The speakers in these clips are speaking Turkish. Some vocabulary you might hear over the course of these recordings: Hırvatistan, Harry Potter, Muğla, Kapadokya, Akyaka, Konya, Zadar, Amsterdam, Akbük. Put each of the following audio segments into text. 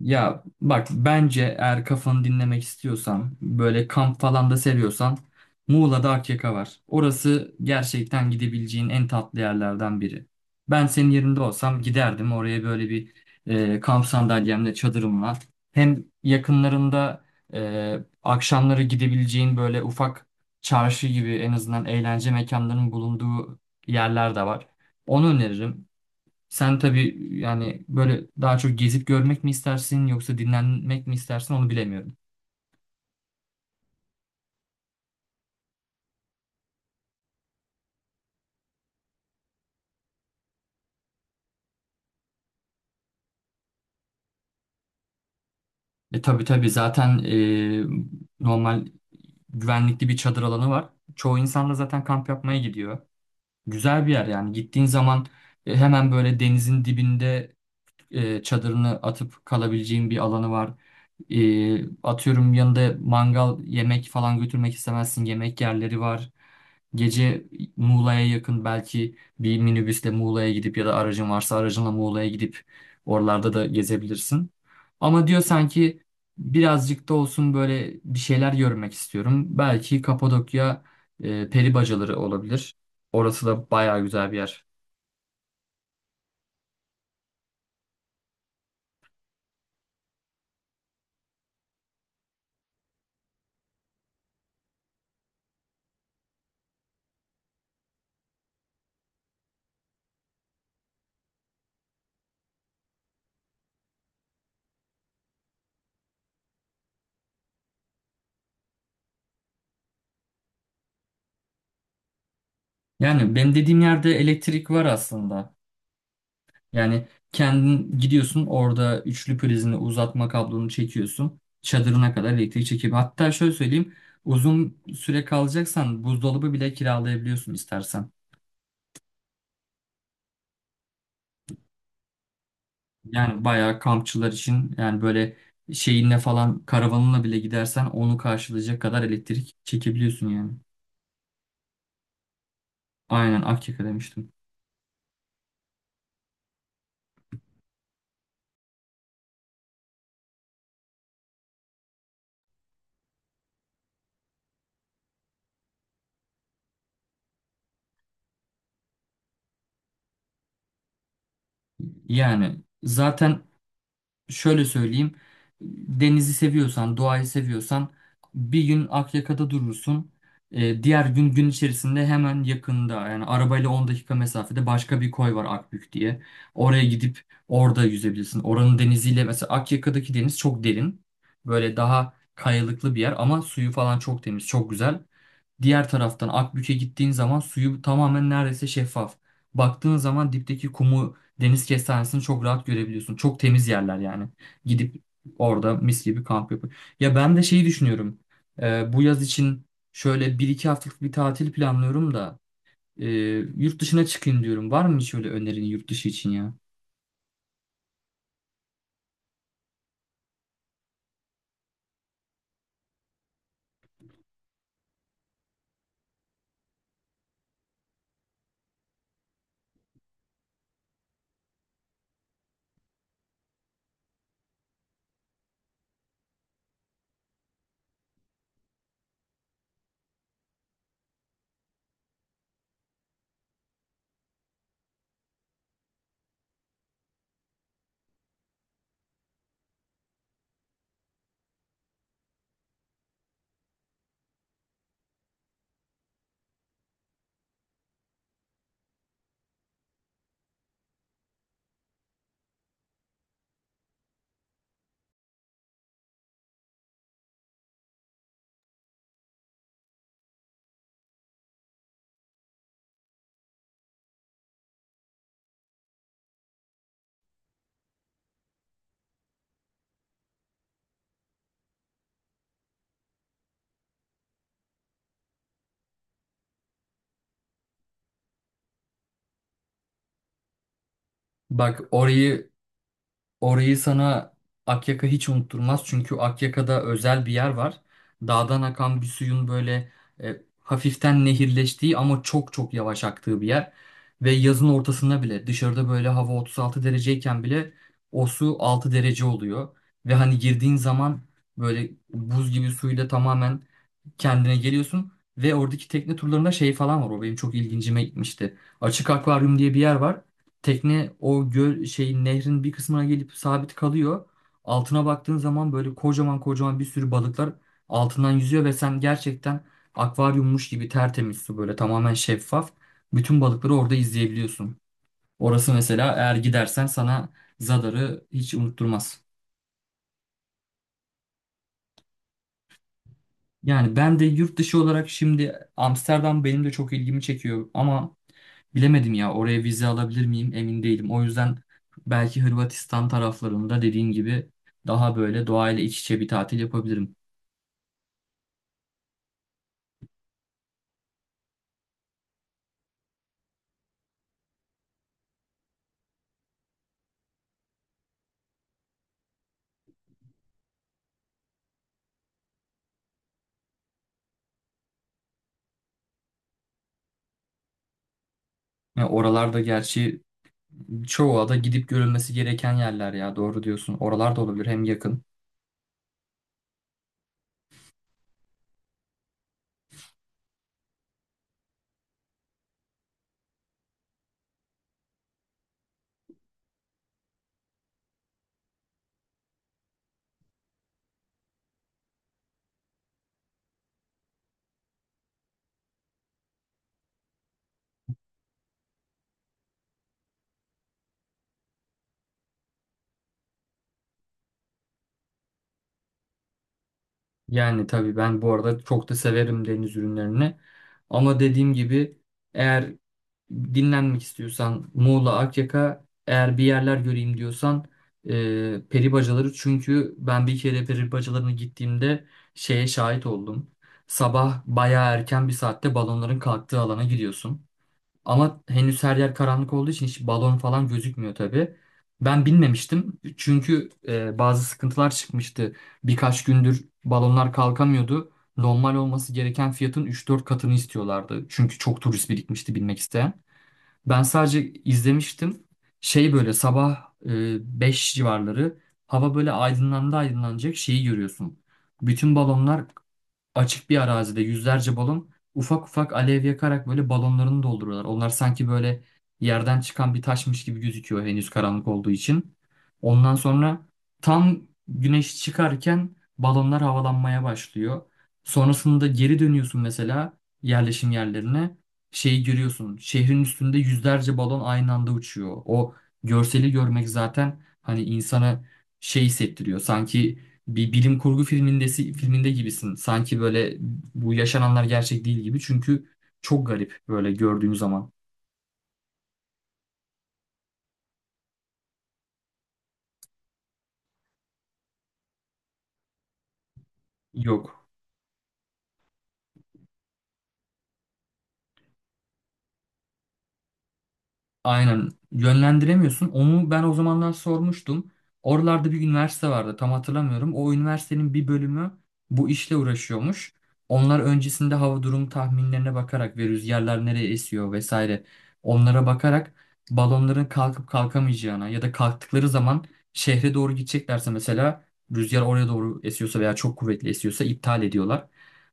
Ya bak bence eğer kafanı dinlemek istiyorsan böyle kamp falan da seviyorsan Muğla'da Akyaka var. Orası gerçekten gidebileceğin en tatlı yerlerden biri. Ben senin yerinde olsam giderdim oraya böyle bir kamp sandalyemle çadırımla. Hem yakınlarında akşamları gidebileceğin böyle ufak çarşı gibi en azından eğlence mekanlarının bulunduğu yerler de var. Onu öneririm. Sen tabii yani böyle daha çok gezip görmek mi istersin yoksa dinlenmek mi istersin onu bilemiyorum. E tabii tabii zaten normal güvenlikli bir çadır alanı var. Çoğu insan da zaten kamp yapmaya gidiyor. Güzel bir yer yani gittiğin zaman hemen böyle denizin dibinde çadırını atıp kalabileceğin bir alanı var. Atıyorum yanında mangal yemek falan götürmek istemezsin yemek yerleri var. Gece Muğla'ya yakın belki bir minibüsle Muğla'ya gidip ya da aracın varsa aracınla Muğla'ya gidip oralarda da gezebilirsin. Ama diyor sanki birazcık da olsun böyle bir şeyler görmek istiyorum. Belki Kapadokya peri bacaları olabilir. Orası da bayağı güzel bir yer. Yani benim dediğim yerde elektrik var aslında. Yani kendin gidiyorsun orada üçlü prizini uzatma kablonu çekiyorsun. Çadırına kadar elektrik çekip hatta şöyle söyleyeyim uzun süre kalacaksan buzdolabı bile kiralayabiliyorsun istersen. Yani bayağı kampçılar için yani böyle şeyinle falan karavanınla bile gidersen onu karşılayacak kadar elektrik çekebiliyorsun yani. Aynen Akyaka demiştim. Yani zaten şöyle söyleyeyim. Denizi seviyorsan, doğayı seviyorsan bir gün Akyaka'da durursun. Diğer gün gün içerisinde hemen yakında yani arabayla 10 dakika mesafede başka bir koy var Akbük diye. Oraya gidip orada yüzebilirsin. Oranın deniziyle mesela Akyaka'daki deniz çok derin. Böyle daha kayalıklı bir yer ama suyu falan çok temiz, çok güzel. Diğer taraftan Akbük'e gittiğin zaman suyu tamamen neredeyse şeffaf. Baktığın zaman dipteki kumu deniz kestanesini çok rahat görebiliyorsun. Çok temiz yerler yani. Gidip orada mis gibi kamp yapıp. Ya ben de şeyi düşünüyorum. Bu yaz için şöyle bir 2 haftalık bir tatil planlıyorum da e, yurt dışına çıkayım diyorum. Var mı hiç öyle önerin yurt dışı için ya? Bak orayı Orayı sana Akyaka hiç unutturmaz. Çünkü Akyaka'da özel bir yer var. Dağdan akan bir suyun böyle hafiften nehirleştiği ama çok çok yavaş aktığı bir yer. Ve yazın ortasında bile dışarıda böyle hava 36 dereceyken bile o su 6 derece oluyor. Ve hani girdiğin zaman böyle buz gibi suyla tamamen kendine geliyorsun. Ve oradaki tekne turlarında şey falan var. O benim çok ilgincime gitmişti. Açık akvaryum diye bir yer var. Tekne o göl şeyin nehrin bir kısmına gelip sabit kalıyor. Altına baktığın zaman böyle kocaman kocaman bir sürü balıklar altından yüzüyor ve sen gerçekten akvaryummuş gibi tertemiz su böyle tamamen şeffaf. Bütün balıkları orada izleyebiliyorsun. Orası mesela eğer gidersen sana Zadar'ı hiç unutturmaz. Yani ben de yurt dışı olarak şimdi Amsterdam benim de çok ilgimi çekiyor ama bilemedim ya oraya vize alabilir miyim emin değilim. O yüzden belki Hırvatistan taraflarında dediğin gibi daha böyle doğayla iç içe bir tatil yapabilirim. Ya oralarda gerçi çoğu ada gidip görülmesi gereken yerler ya doğru diyorsun. Oralar da olabilir hem yakın. Yani tabii ben bu arada çok da severim deniz ürünlerini. Ama dediğim gibi eğer dinlenmek istiyorsan Muğla, Akyaka eğer bir yerler göreyim diyorsan e, peri çünkü ben bir kere peri gittiğimde şeye şahit oldum. Sabah bayağı erken bir saatte balonların kalktığı alana gidiyorsun. Ama henüz her yer karanlık olduğu için hiç balon falan gözükmüyor tabii. Ben bilmemiştim çünkü bazı sıkıntılar çıkmıştı. Birkaç gündür balonlar kalkamıyordu. Normal olması gereken fiyatın üç dört katını istiyorlardı. Çünkü çok turist birikmişti binmek isteyen. Ben sadece izlemiştim. Şey böyle sabah 5 civarları hava böyle aydınlandı aydınlanacak şeyi görüyorsun. Bütün balonlar açık bir arazide yüzlerce balon ufak ufak alev yakarak böyle balonlarını dolduruyorlar. Onlar sanki böyle yerden çıkan bir taşmış gibi gözüküyor henüz karanlık olduğu için. Ondan sonra tam güneş çıkarken balonlar havalanmaya başlıyor. Sonrasında geri dönüyorsun mesela yerleşim yerlerine şeyi görüyorsun. Şehrin üstünde yüzlerce balon aynı anda uçuyor. O görseli görmek zaten hani insana şey hissettiriyor. Sanki bir bilim kurgu filminde gibisin. Sanki böyle bu yaşananlar gerçek değil gibi. Çünkü çok garip böyle gördüğün zaman. Yok. Aynen yönlendiremiyorsun. Onu ben o zamanlar sormuştum. Oralarda bir üniversite vardı tam hatırlamıyorum. O üniversitenin bir bölümü bu işle uğraşıyormuş. Onlar öncesinde hava durum tahminlerine bakarak ve rüzgarlar nereye esiyor vesaire onlara bakarak balonların kalkıp kalkamayacağına ya da kalktıkları zaman şehre doğru gideceklerse mesela rüzgar oraya doğru esiyorsa veya çok kuvvetli esiyorsa iptal ediyorlar.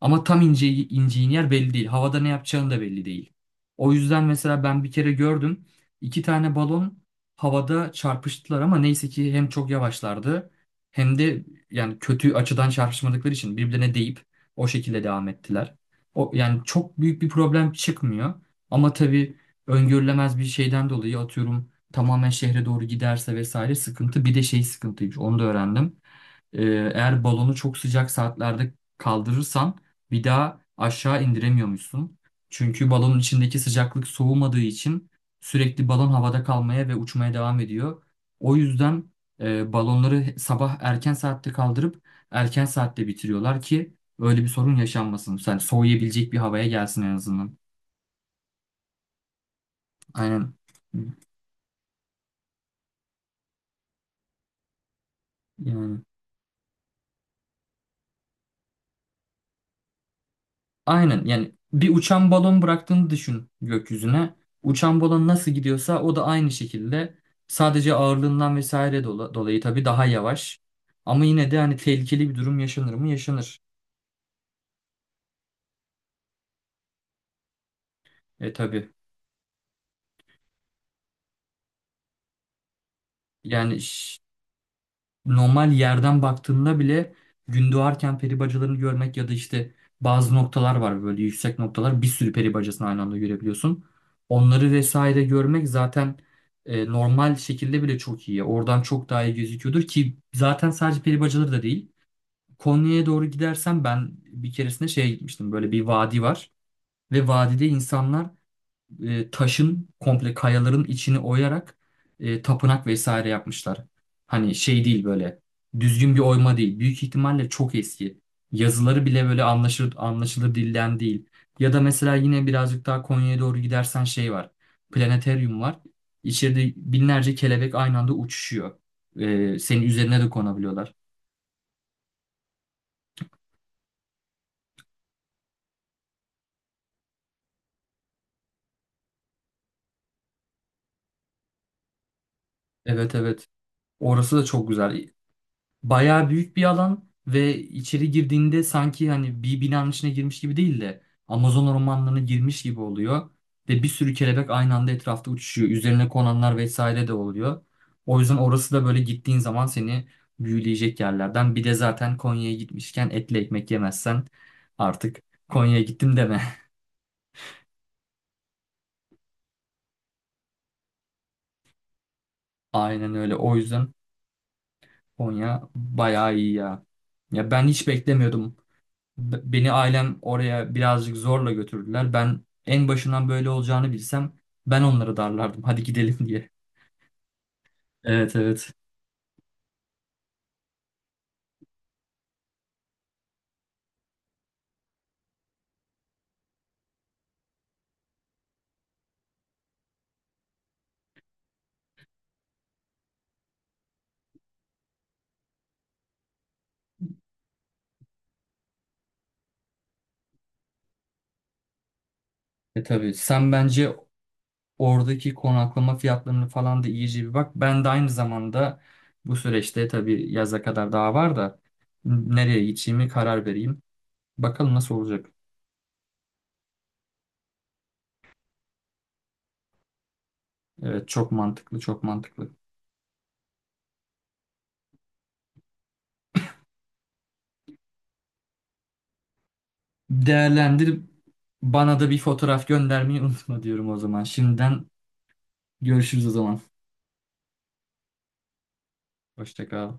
Ama tam ineceğin yer belli değil. Havada ne yapacağını da belli değil. O yüzden mesela ben bir kere gördüm. 2 tane balon havada çarpıştılar ama neyse ki hem çok yavaşlardı hem de yani kötü açıdan çarpışmadıkları için birbirine değip o şekilde devam ettiler. O yani çok büyük bir problem çıkmıyor ama tabii öngörülemez bir şeyden dolayı atıyorum tamamen şehre doğru giderse vesaire sıkıntı. Bir de şey sıkıntıymış onu da öğrendim. Ee, Eğer balonu çok sıcak saatlerde kaldırırsan bir daha aşağı indiremiyormuşsun. Çünkü balonun içindeki sıcaklık soğumadığı için sürekli balon havada kalmaya ve uçmaya devam ediyor. O yüzden balonları sabah erken saatte kaldırıp erken saatte bitiriyorlar ki öyle bir sorun yaşanmasın. Yani soğuyabilecek bir havaya gelsin en azından. Aynen. Yani. Aynen yani bir uçan balon bıraktığını düşün gökyüzüne. Uçan balon nasıl gidiyorsa o da aynı şekilde sadece ağırlığından vesaire dolayı tabii daha yavaş. Ama yine de hani tehlikeli bir durum yaşanır mı? Yaşanır. E tabii. Yani normal yerden baktığında bile doğarken peri bacalarını görmek ya da işte bazı noktalar var böyle yüksek noktalar bir sürü peri bacasını aynı anda görebiliyorsun. Onları vesaire görmek zaten normal şekilde bile çok iyi. Oradan çok daha iyi gözüküyordur ki zaten sadece peri bacaları da değil. Konya'ya doğru gidersen ben bir keresinde şeye gitmiştim. Böyle bir vadi var ve vadide insanlar taşın komple kayaların içini oyarak tapınak vesaire yapmışlar. Hani şey değil böyle düzgün bir oyma değil. Büyük ihtimalle çok eski. Yazıları bile böyle anlaşılır dilden değil. Ya da mesela yine birazcık daha Konya'ya doğru gidersen şey var. Planetaryum var. İçeride binlerce kelebek aynı anda uçuşuyor. Senin üzerine de konabiliyorlar. Evet evet. Orası da çok güzel. Bayağı büyük bir alan ve içeri girdiğinde sanki hani bir binanın içine girmiş gibi değil de Amazon ormanlarına girmiş gibi oluyor. Ve bir sürü kelebek aynı anda etrafta uçuşuyor. Üzerine konanlar vesaire de oluyor. O yüzden orası da böyle gittiğin zaman seni büyüleyecek yerlerden. Bir de zaten Konya'ya gitmişken etli ekmek yemezsen artık Konya'ya gittim deme. Aynen öyle. O yüzden Konya bayağı iyi ya. Ya ben hiç beklemiyordum. Beni ailem oraya birazcık zorla götürdüler. Ben en başından böyle olacağını bilsem ben onları darlardım. Hadi gidelim diye. Evet evet. E tabii sen bence oradaki konaklama fiyatlarını falan da iyice bir bak. Ben de aynı zamanda bu süreçte tabii yaza kadar daha var da nereye gideceğimi karar vereyim. Bakalım nasıl olacak. Evet çok mantıklı çok mantıklı. Değerlendir bana da bir fotoğraf göndermeyi unutma diyorum o zaman. Şimdiden görüşürüz o zaman. Hoşça kal.